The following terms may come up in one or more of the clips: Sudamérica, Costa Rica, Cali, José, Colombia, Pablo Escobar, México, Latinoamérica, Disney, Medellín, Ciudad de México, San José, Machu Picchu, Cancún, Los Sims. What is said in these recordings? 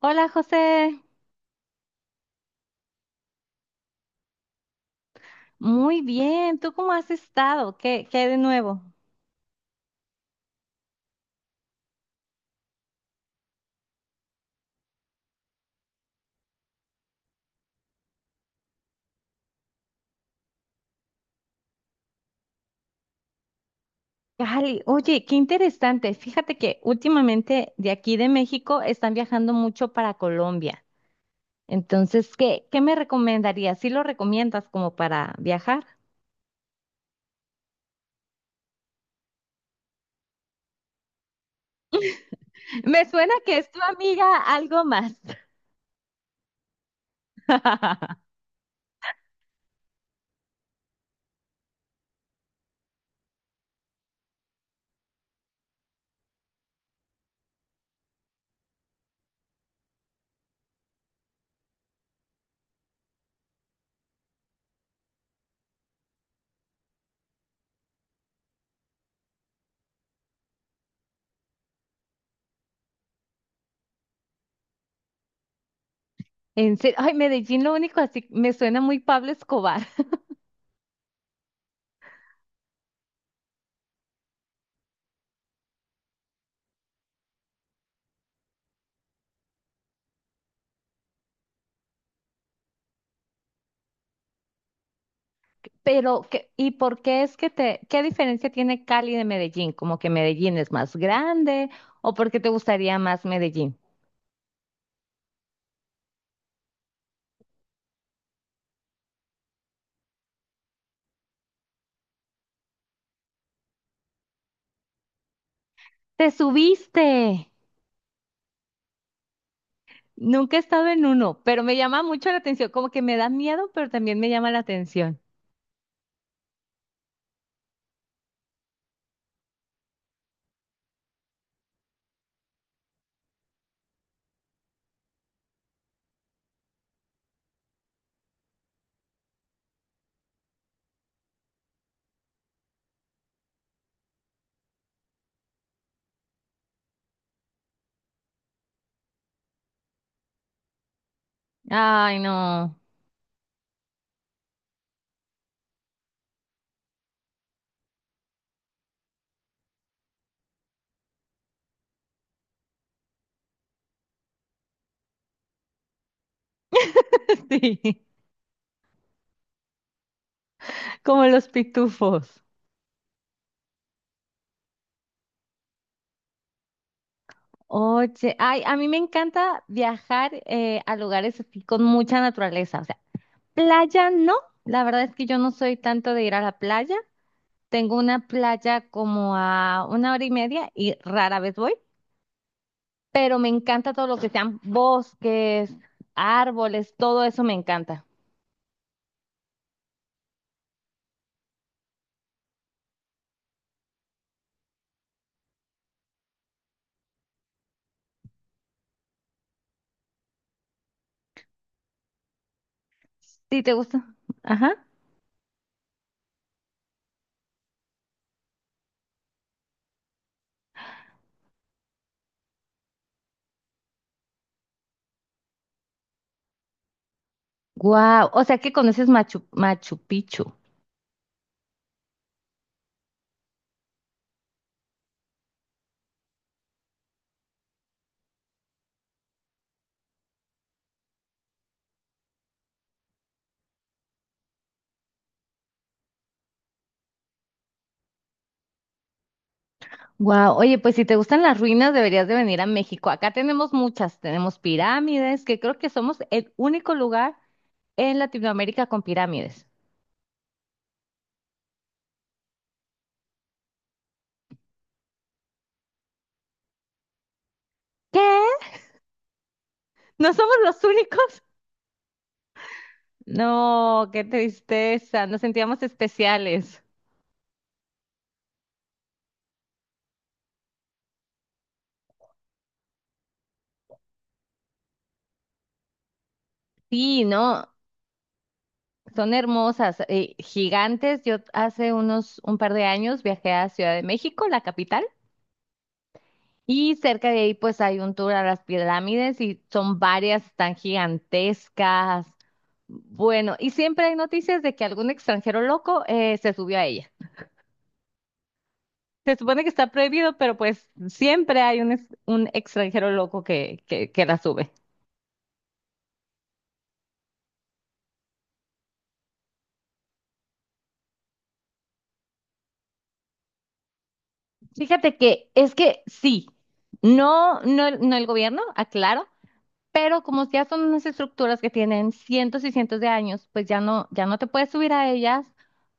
Hola José, muy bien, ¿tú cómo has estado? ¿Qué hay de nuevo? Cali, oye, qué interesante. Fíjate que últimamente de aquí de México están viajando mucho para Colombia. Entonces, ¿qué me recomendarías? ¿Sí lo recomiendas como para viajar? Me suena que es tu amiga algo más. En serio, ay, Medellín lo único así me suena muy Pablo Escobar. Pero, ¿qué- ¿y por qué es que te, qué diferencia tiene Cali de Medellín? ¿Como que Medellín es más grande o por qué te gustaría más Medellín? ¡Te subiste! Nunca he estado en uno, pero me llama mucho la atención, como que me da miedo, pero también me llama la atención. Ay, no. Sí, como los pitufos. Oye, ay, a mí me encanta viajar a lugares así con mucha naturaleza, o sea, playa no, la verdad es que yo no soy tanto de ir a la playa. Tengo una playa como a una hora y media y rara vez voy, pero me encanta todo lo que sean bosques, árboles, todo eso me encanta. ¿Sí te gusta? Ajá. Wow, o sea que conoces Machu Picchu. Wow, oye, pues si te gustan las ruinas deberías de venir a México. Acá tenemos muchas, tenemos pirámides, que creo que somos el único lugar en Latinoamérica con pirámides. ¿Qué? ¿No somos los únicos? No, qué tristeza, nos sentíamos especiales. Sí, no, son hermosas, gigantes. Yo hace unos un par de años viajé a Ciudad de México, la capital, y cerca de ahí pues hay un tour a las pirámides y son varias tan gigantescas. Bueno, y siempre hay noticias de que algún extranjero loco se subió a ella. Se supone que está prohibido, pero pues siempre hay un, un extranjero loco que, que la sube. Fíjate que es que sí, no el gobierno, aclaro. Pero como ya son unas estructuras que tienen cientos y cientos de años, pues ya no te puedes subir a ellas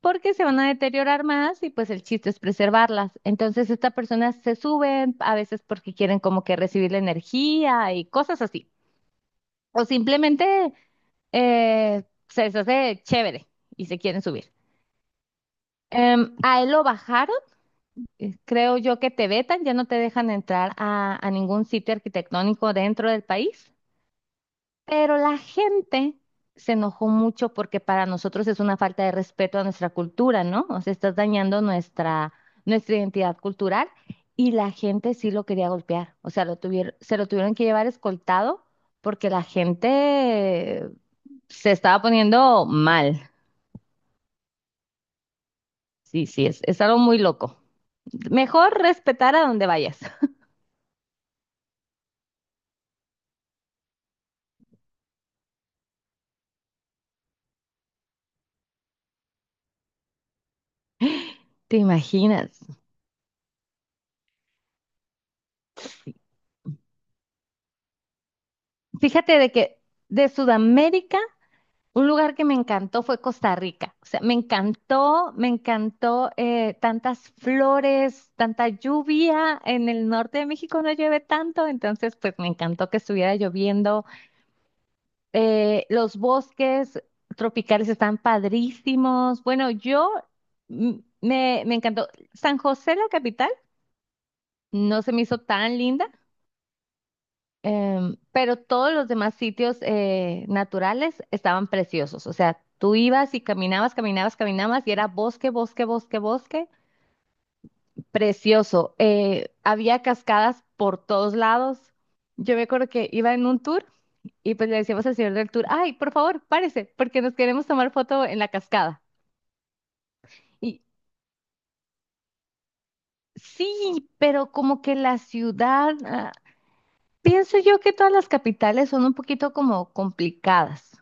porque se van a deteriorar más y pues el chiste es preservarlas. Entonces estas personas se suben a veces porque quieren como que recibir la energía y cosas así. O simplemente se les hace chévere y se quieren subir. A él lo bajaron, creo yo que te vetan, ya no te dejan entrar a ningún sitio arquitectónico dentro del país. Pero la gente se enojó mucho porque para nosotros es una falta de respeto a nuestra cultura, ¿no? O sea, estás dañando nuestra identidad cultural y la gente sí lo quería golpear. O sea, lo tuvieron, se lo tuvieron que llevar escoltado porque la gente se estaba poniendo mal. Sí, sí, es algo muy loco. Mejor respetar a donde vayas. ¿Te imaginas? Fíjate de que de Sudamérica. Un lugar que me encantó fue Costa Rica. O sea, me encantó tantas flores, tanta lluvia. En el norte de México no llueve tanto, entonces pues me encantó que estuviera lloviendo. Los bosques tropicales están padrísimos. Bueno, mm, me encantó. San José, la capital, no se me hizo tan linda. Pero todos los demás sitios naturales estaban preciosos. O sea, tú ibas y caminabas, caminabas, caminabas y era bosque, bosque, bosque, bosque. Precioso. Había cascadas por todos lados. Yo me acuerdo que iba en un tour y pues le decíamos al señor del tour, ay, por favor, párese, porque nos queremos tomar foto en la cascada. Y sí, pero como que la ciudad, ah, pienso yo que todas las capitales son un poquito como complicadas.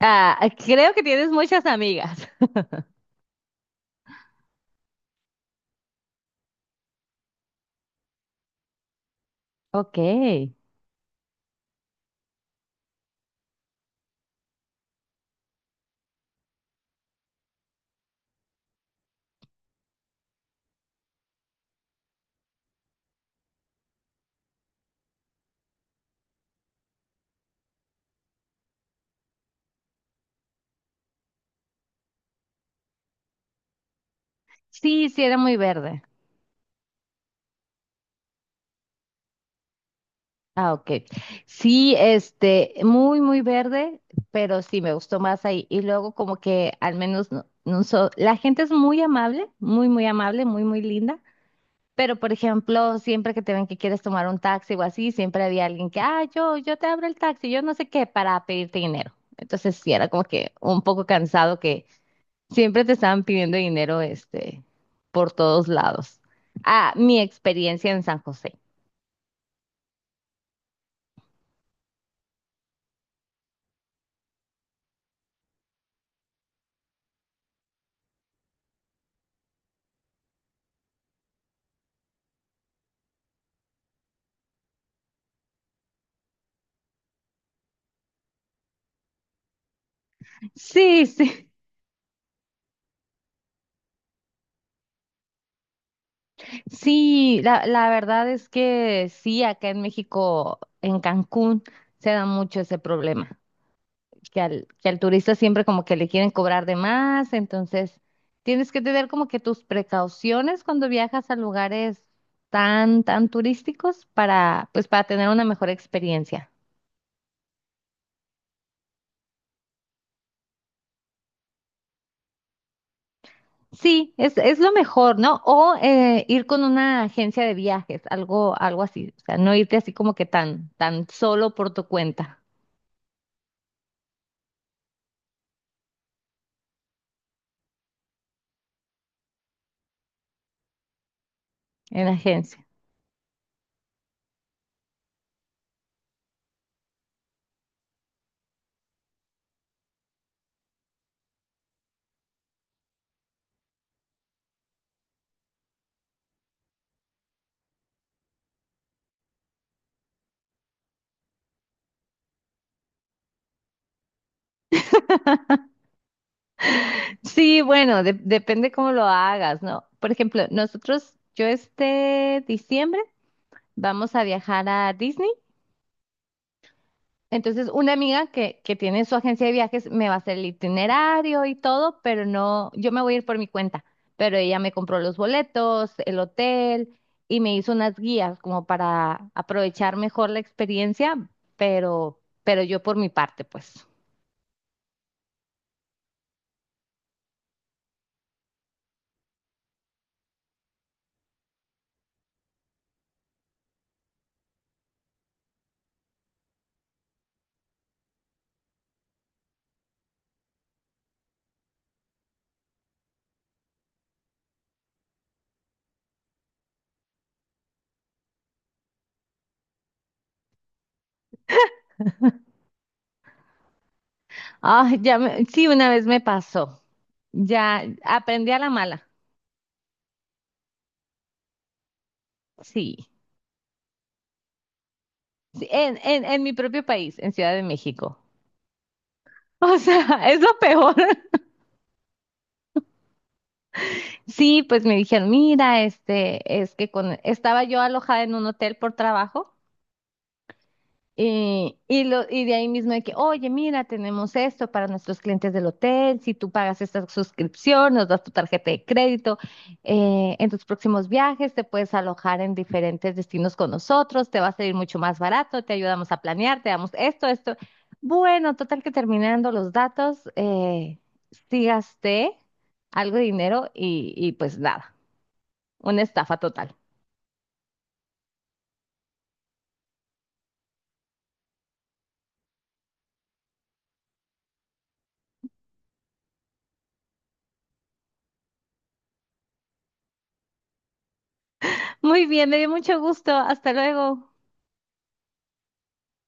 Ah, creo que tienes muchas amigas. Ok. Sí, sí, era muy verde. Ah, ok. Sí, este, muy, muy verde, pero sí, me gustó más ahí. Y luego como que al menos no, la gente es muy amable, muy, muy amable, muy, muy linda. Pero, por ejemplo, siempre que te ven que quieres tomar un taxi o así, siempre había alguien que, ah, yo te abro el taxi, yo no sé qué, para pedirte dinero. Entonces sí, era como que un poco cansado. Siempre te estaban pidiendo dinero, este, por todos lados. Ah, mi experiencia en San José. Sí, sí, sí, la verdad es que sí, acá en México, en Cancún, se da mucho ese problema, que al turista siempre como que le quieren cobrar de más, entonces tienes que tener como que tus precauciones cuando viajas a lugares tan, tan turísticos para, pues, para tener una mejor experiencia. Sí, es lo mejor, ¿no? O ir con una agencia de viajes, algo, algo así. O sea, no irte así como que tan, tan solo por tu cuenta en agencia. Sí, bueno, depende cómo lo hagas, ¿no? Por ejemplo, nosotros, yo este diciembre vamos a viajar a Disney. Entonces, una amiga que tiene su agencia de viajes me va a hacer el itinerario y todo, pero no, yo me voy a ir por mi cuenta. Pero ella me compró los boletos, el hotel y me hizo unas guías como para aprovechar mejor la experiencia, pero yo por mi parte, pues. Ah, sí, una vez me pasó. Ya aprendí a la mala. Sí. Sí, en mi propio país, en Ciudad de México. O sea, es lo peor. Sí, pues me dijeron, mira, este, estaba yo alojada en un hotel por trabajo y de ahí mismo de que, oye, mira, tenemos esto para nuestros clientes del hotel, si tú pagas esta suscripción, nos das tu tarjeta de crédito, en tus próximos viajes te puedes alojar en diferentes destinos con nosotros, te va a salir mucho más barato, te ayudamos a planear, te damos esto, esto. Bueno, total que terminando los datos, sí gasté algo de dinero y pues nada. Una estafa total. Muy bien, me dio mucho gusto. Hasta luego.